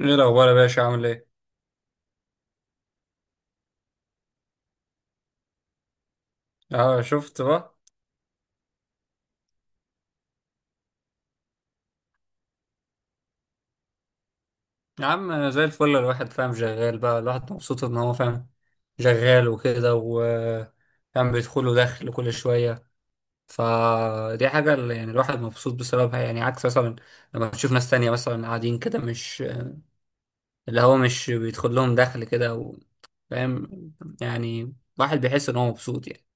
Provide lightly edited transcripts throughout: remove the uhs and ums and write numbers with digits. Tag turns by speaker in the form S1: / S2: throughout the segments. S1: ايه الاخبار يا باشا، عامل ايه؟ اه، شفت بقى. يا عم زي الفل، الواحد فاهم شغال بقى، الواحد مبسوط ان هو فاهم شغال وكده، و كان بيدخله دخل كل شويه. فدي حاجه اللي يعني الواحد مبسوط بسببها، يعني عكس مثلا لما بتشوف ناس تانية مثلا قاعدين كده، مش اللي هو مش بيدخل لهم دخل كده. و... فاهم؟ يعني الواحد بيحس ان هو مبسوط يعني.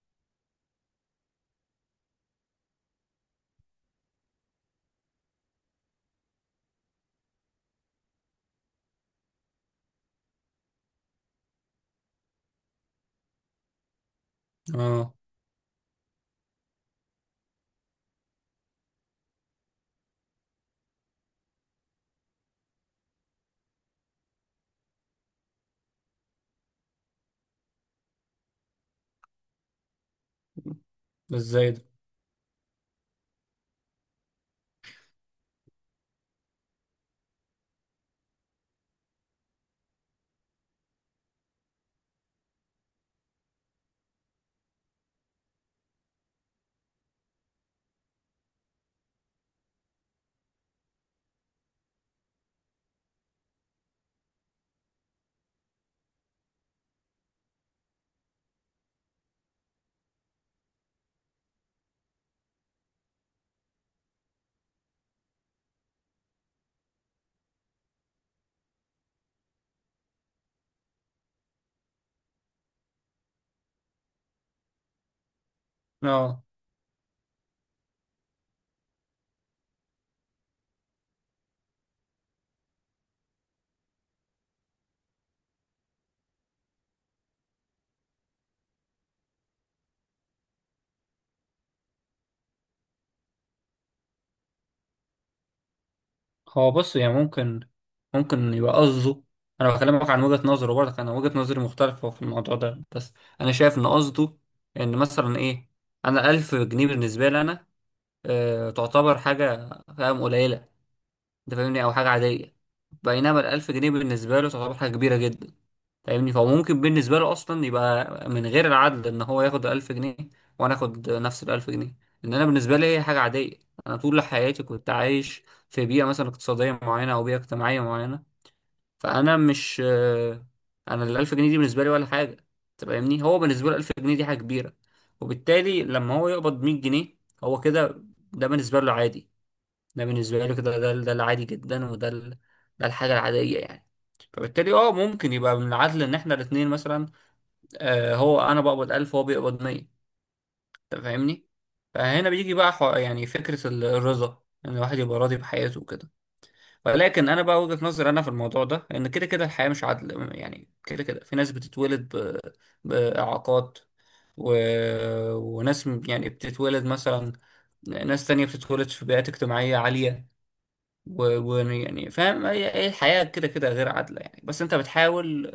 S1: اه، ازاي ده؟ اه هو بص، يعني ممكن يبقى قصده. انا بكلمك عن وجهة نظره برضك، انا وجهة نظري مختلفة في الموضوع ده بس. انا شايف ان قصده ان مثلا ايه، انا 1000 جنيه بالنسبة لي انا تعتبر حاجة، فاهم؟ قليلة، انت فاهمني؟ او حاجة عادية. بينما الألف جنيه بالنسبة له تعتبر حاجة كبيرة جدا. فاهمني؟ فهو ممكن بالنسبة له أصلا يبقى من غير العدل إن هو ياخد ألف جنيه وأنا آخد نفس الألف جنيه، لأن أنا بالنسبة لي هي حاجة عادية. أنا طول حياتي كنت عايش في بيئة مثلا اقتصادية معينة أو بيئة اجتماعية معينة. فأنا مش أنا الألف جنيه دي بالنسبة لي ولا حاجة. أنت فاهمني؟ هو بالنسبة له ألف جنيه دي حاجة كبيرة، وبالتالي لما هو يقبض 100 جنيه. هو كده، ده بالنسبة له عادي، ده بالنسبة له كده، ده العادي جدا، وده ده الحاجة العادية يعني. فبالتالي ممكن يبقى من العدل ان احنا الاتنين مثلا، هو انا بقبض 1000 وهو بيقبض 100، انت فاهمني؟ فهنا بيجي بقى يعني فكرة الرضا ان الواحد يبقى راضي بحياته وكده. ولكن انا بقى وجهة نظري انا في الموضوع ده ان كده كده الحياة مش عدل، يعني كده كده في ناس بتتولد بإعاقات و... وناس يعني بتتولد مثلا، ناس تانية بتتولد في بيئات اجتماعية عالية. ويعني فاهم، هي هي الحياة كده كده غير عادلة يعني. بس انت بتحاول،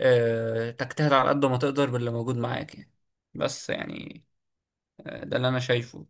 S1: تجتهد على قد ما تقدر باللي موجود معاك يعني. بس يعني ده اللي انا شايفه.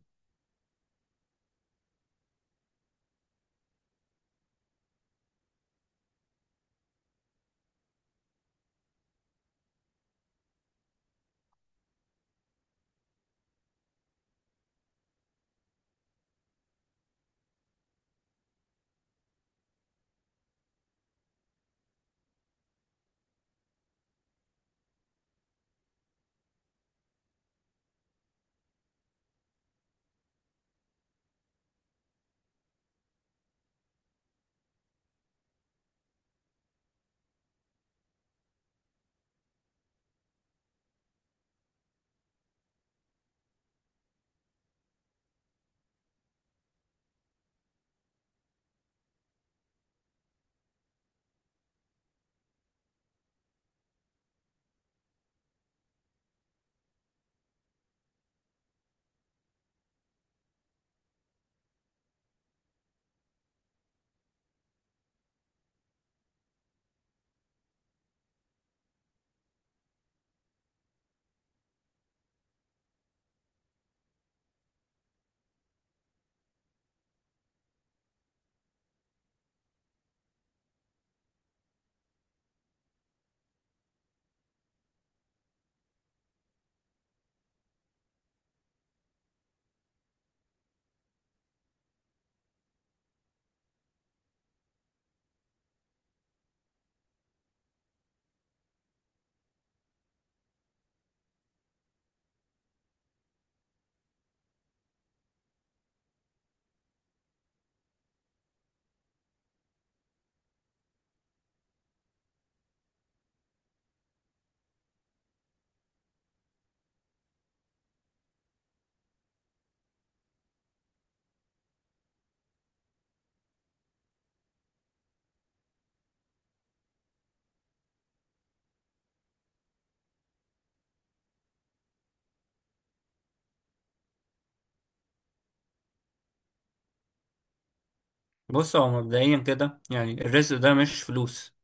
S1: بص هو مبدئيا كده، يعني الرزق ده مش فلوس.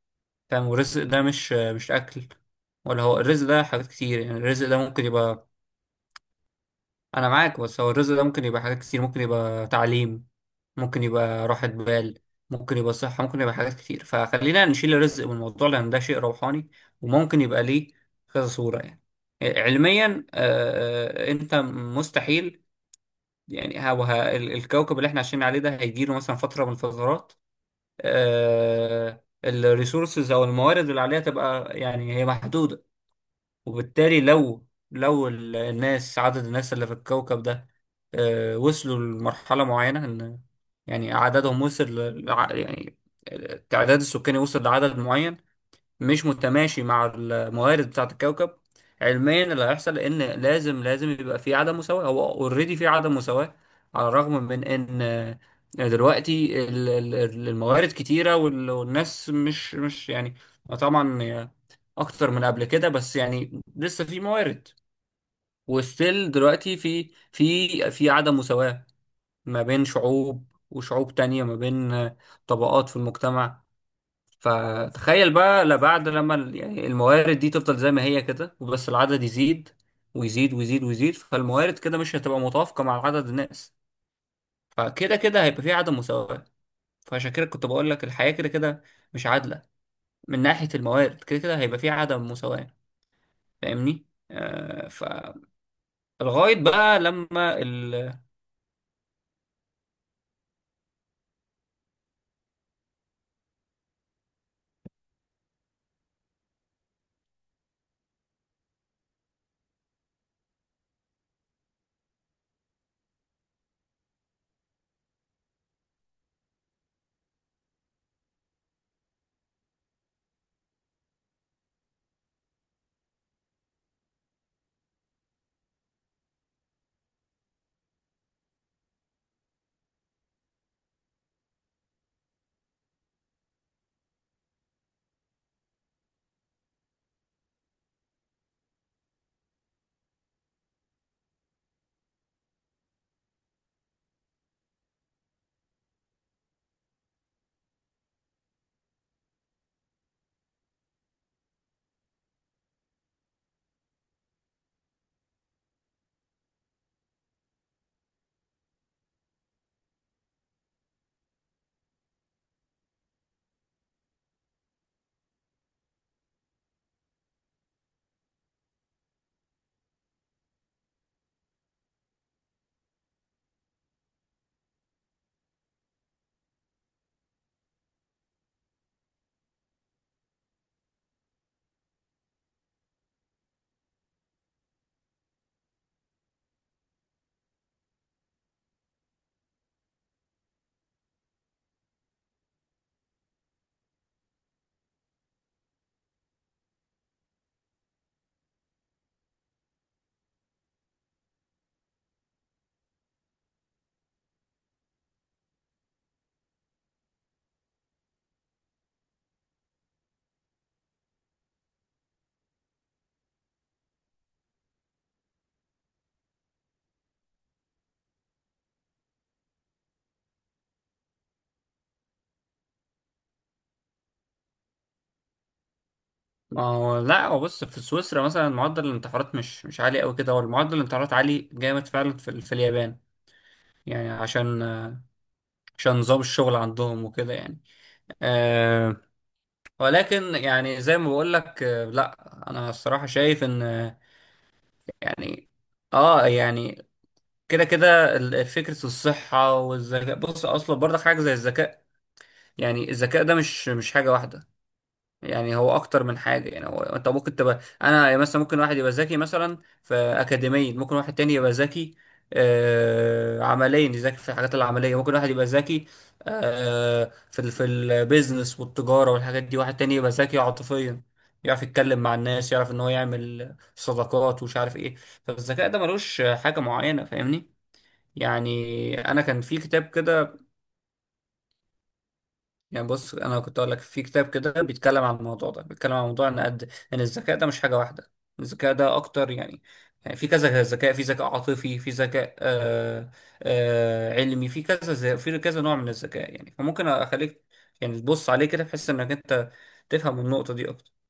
S1: فاهم؟ والرزق ده مش اكل، ولا هو الرزق ده حاجات كتير. يعني الرزق ده ممكن يبقى، انا معاك، بس هو الرزق ده ممكن يبقى حاجات كتير، ممكن يبقى تعليم، ممكن يبقى راحة بال، ممكن يبقى صحة، ممكن يبقى حاجات كتير. فخلينا نشيل الرزق من الموضوع لان ده شيء روحاني، وممكن يبقى ليه كذا صورة يعني. علميا انت مستحيل. يعني ها وها الكوكب اللي احنا عايشين عليه ده هيجيله مثلا فترة من الفترات، الريسورسز او الموارد اللي عليها تبقى يعني هي محدودة. وبالتالي لو الناس، عدد الناس اللي في الكوكب ده وصلوا لمرحلة معينة ان، يعني عددهم وصل يعني التعداد السكاني وصل لعدد معين مش متماشي مع الموارد بتاعة الكوكب. علميا اللي هيحصل ان لازم لازم يبقى في عدم مساواة، هو اوريدي في عدم مساواة. على الرغم من ان دلوقتي الموارد كتيرة والناس مش يعني، طبعا اكتر من قبل كده، بس يعني لسه في موارد. وستيل دلوقتي في عدم مساواة ما بين شعوب وشعوب تانية، ما بين طبقات في المجتمع. فتخيل بقى لبعد لما يعني الموارد دي تفضل زي ما هي كده وبس العدد يزيد ويزيد ويزيد ويزيد فالموارد كده مش هتبقى متوافقة مع عدد الناس، فكده كده هيبقى في عدم مساواة. فعشان كده كنت بقول لك الحياة كده كده مش عادلة، من ناحية الموارد كده كده هيبقى في عدم مساواة. فاهمني؟ فالغاية بقى لما ما هو لا، هو بص في سويسرا مثلا معدل الانتحارات مش عالي قوي كده، هو المعدل الانتحارات عالي جامد فعلا في اليابان. يعني عشان نظام الشغل عندهم وكده يعني. آه. ولكن يعني زي ما بقول لك لا. انا الصراحة شايف ان يعني اه يعني كده كده فكرة الصحة والذكاء. بص اصلا برضه حاجة زي الذكاء، يعني الذكاء ده مش حاجة واحدة. يعني هو اكتر من حاجه، يعني هو انت ممكن تبقى، انا مثلا ممكن واحد يبقى ذكي مثلا في اكاديميا، ممكن واحد تاني يبقى ذكي عمليا، يذاكر في الحاجات العمليه، ممكن واحد يبقى ذكي، في في البيزنس والتجاره والحاجات دي، واحد تاني يبقى ذكي عاطفيا، يعرف يتكلم مع الناس، يعرف ان هو يعمل صداقات ومش عارف ايه. فالذكاء ده ملوش حاجه معينه. فاهمني؟ يعني انا كان في كتاب كده، يعني بص انا كنت اقول لك، في كتاب كده بيتكلم عن الموضوع ده، بيتكلم عن موضوع ان قد ان الذكاء ده مش حاجه واحده، الذكاء ده اكتر يعني. يعني في كذا ذكاء، في ذكاء عاطفي، في ذكاء علمي، في كذا في كذا نوع من الذكاء يعني. فممكن اخليك يعني تبص عليه كده بحيث انك انت تفهم النقطه دي اكتر.